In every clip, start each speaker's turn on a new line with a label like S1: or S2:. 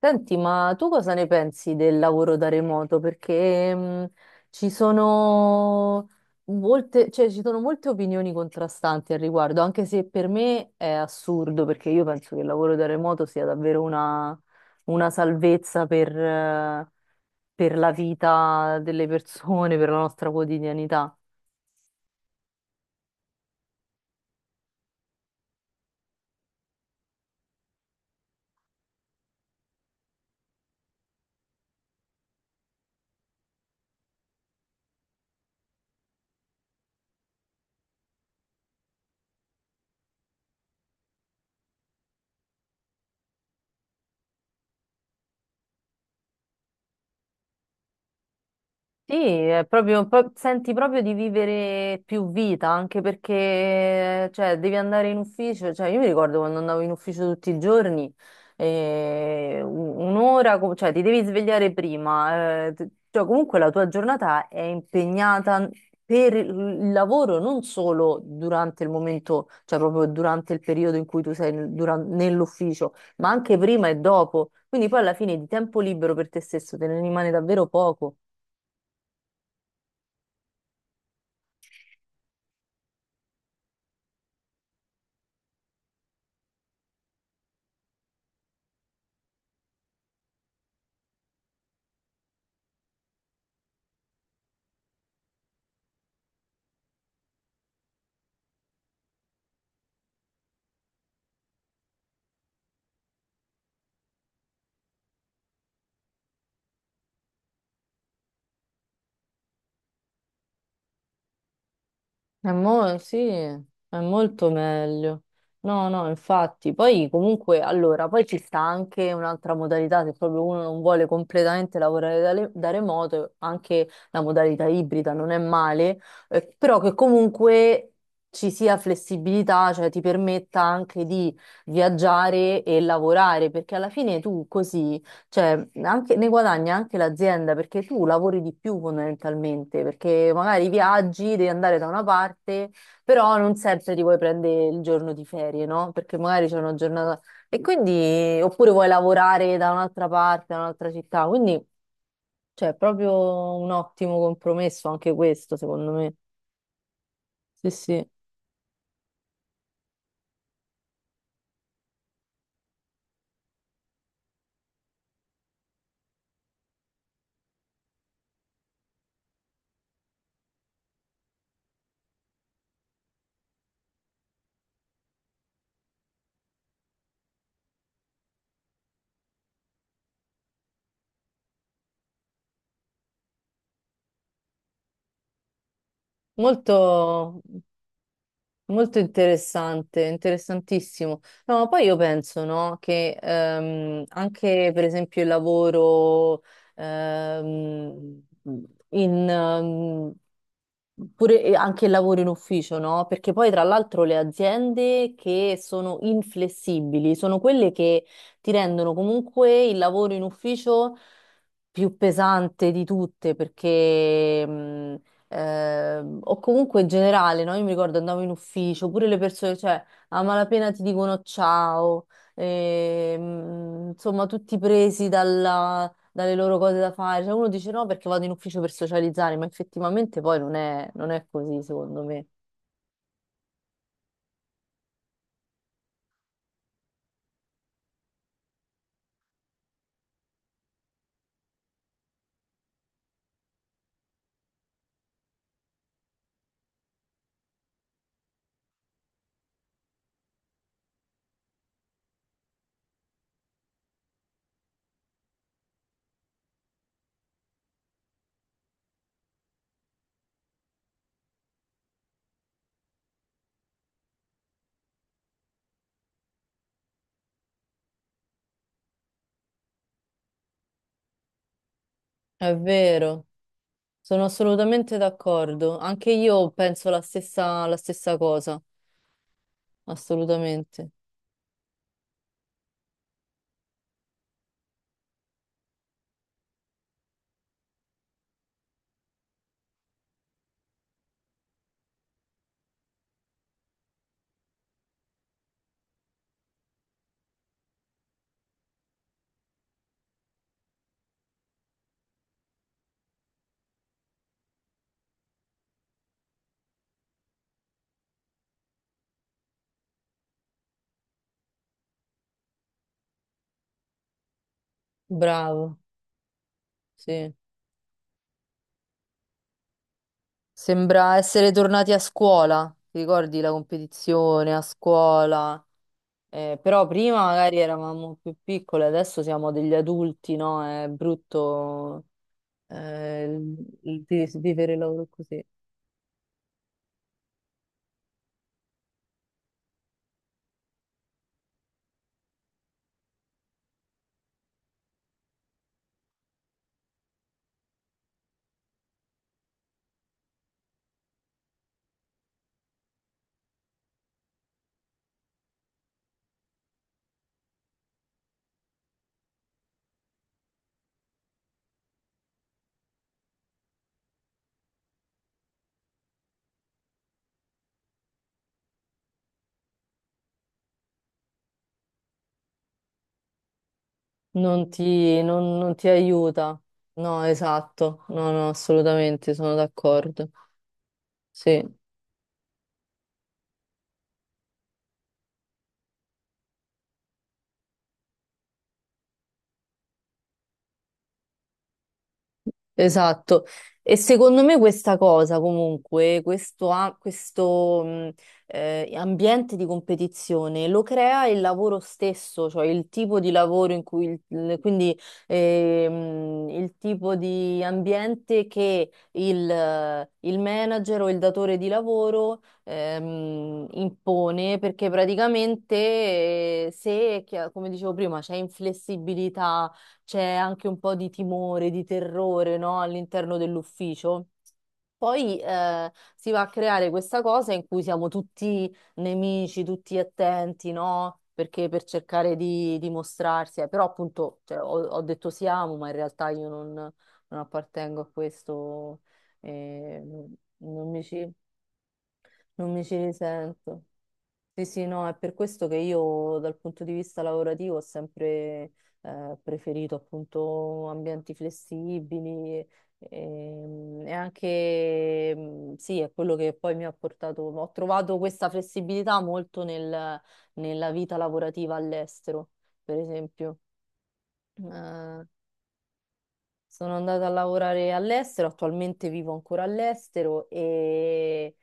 S1: Senti, ma tu cosa ne pensi del lavoro da remoto? Perché ci sono ci sono molte opinioni contrastanti al riguardo, anche se per me è assurdo, perché io penso che il lavoro da remoto sia davvero una salvezza per la vita delle persone, per la nostra quotidianità. Sì, è proprio, senti proprio di vivere più vita, anche perché cioè, devi andare in ufficio. Cioè, io mi ricordo quando andavo in ufficio tutti i giorni, un'ora, cioè ti devi svegliare prima. Cioè, comunque la tua giornata è impegnata per il lavoro, non solo durante il momento, cioè proprio durante il periodo in cui tu sei nell'ufficio, ma anche prima e dopo. Quindi poi alla fine di tempo libero per te stesso te ne rimane davvero poco. Sì, è molto meglio. No, no, infatti. Poi comunque, allora, poi ci sta anche un'altra modalità, se proprio uno non vuole completamente lavorare da remoto, anche la modalità ibrida non è male, però che comunque ci sia flessibilità, cioè ti permetta anche di viaggiare e lavorare, perché alla fine tu così... Cioè, ne guadagna anche l'azienda perché tu lavori di più fondamentalmente, perché magari viaggi, devi andare da una parte, però non sempre ti vuoi prendere il giorno di ferie, no? Perché magari c'è una giornata e quindi oppure vuoi lavorare da un'altra parte, da un'altra città, quindi c'è proprio un ottimo compromesso anche questo, secondo me. Sì, sì. Molto Molto interessante, interessantissimo. No, ma poi io penso, no, che anche per esempio il lavoro ehm, in, pure e anche il lavoro in ufficio, no? Perché poi tra l'altro le aziende che sono inflessibili sono quelle che ti rendono comunque il lavoro in ufficio più pesante di tutte, perché ehm, o comunque in generale, no? Io mi ricordo andavo in ufficio, pure le persone, cioè a malapena ti dicono ciao, insomma tutti presi dalle loro cose da fare, cioè uno dice no perché vado in ufficio per socializzare, ma effettivamente poi non è così secondo me. È vero, sono assolutamente d'accordo, anche io penso la stessa cosa, assolutamente. Bravo, sì. Sembra essere tornati a scuola, ti ricordi la competizione a scuola? Però prima magari eravamo più piccole, adesso siamo degli adulti, no? È brutto eh, il- il vivere il lavoro così. Non ti aiuta. No, esatto, no, no, assolutamente, sono d'accordo. Sì. Esatto, e secondo me questa cosa comunque, questo ambiente di competizione lo crea il lavoro stesso, cioè il tipo di lavoro quindi il tipo di ambiente che il manager o il datore di lavoro impone, perché praticamente se, chi- come dicevo prima, c'è inflessibilità, c'è anche un po' di timore, di terrore, no? All'interno dell'ufficio. Poi si va a creare questa cosa in cui siamo tutti nemici, tutti attenti, no? Perché per cercare di dimostrarsi, però appunto cioè, ho detto siamo, ma in realtà io non appartengo a questo, eh, non non mi ci risento. Sì, sì, no, è per questo che io dal punto di vista lavorativo ho sempre preferito appunto ambienti flessibili sì, è quello che poi mi ha portato, ho trovato questa flessibilità molto nella vita lavorativa all'estero, per esempio. Eh, sono andata a lavorare all'estero, attualmente vivo ancora all'estero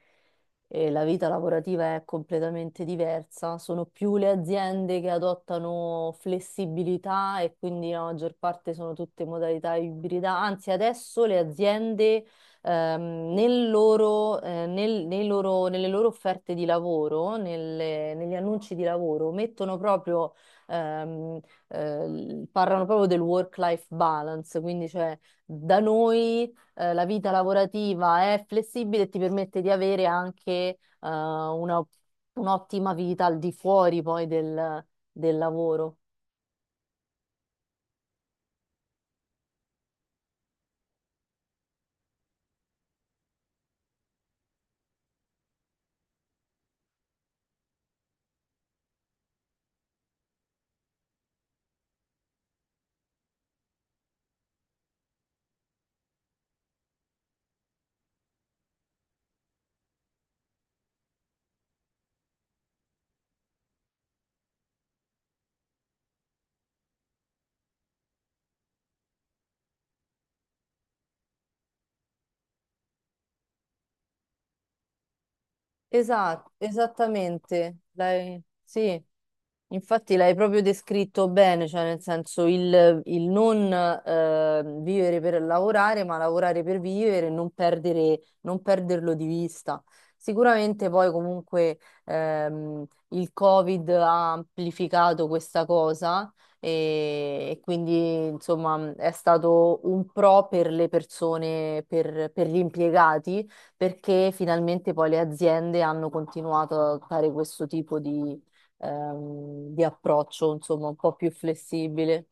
S1: e la vita lavorativa è completamente diversa. Sono più le aziende che adottano flessibilità e quindi la maggior parte sono tutte modalità ibrida. Anzi, adesso le aziende nelle loro offerte di lavoro, negli annunci di lavoro, mettono proprio... ehm, parlano proprio del work-life balance, quindi cioè da noi la vita lavorativa è flessibile e ti permette di avere anche un'ottima vita al di fuori poi del, del lavoro. Esatto, esattamente. Lei- sì. Infatti l'hai proprio descritto bene, cioè nel senso il non vivere per lavorare, ma lavorare per vivere e non perdere, non perderlo di vista. Sicuramente poi comunque il Covid ha amplificato questa cosa e quindi insomma è stato un pro per le persone, per gli impiegati, perché finalmente poi le aziende hanno continuato a fare questo tipo di approccio, insomma, un po' più flessibile.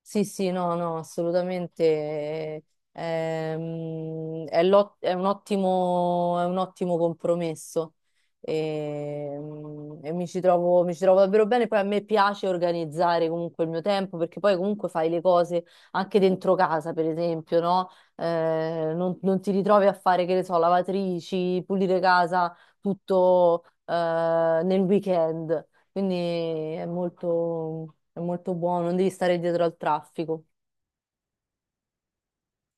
S1: Sì, sì, no, no, assolutamente. È un ottimo compromesso, mi ci trovo davvero bene. Poi a me piace organizzare comunque il mio tempo perché poi comunque fai le cose anche dentro casa, per esempio, no? Non ti ritrovi a fare, che ne so, lavatrici, pulire casa tutto nel weekend. Quindi è molto buono, non devi stare dietro al traffico.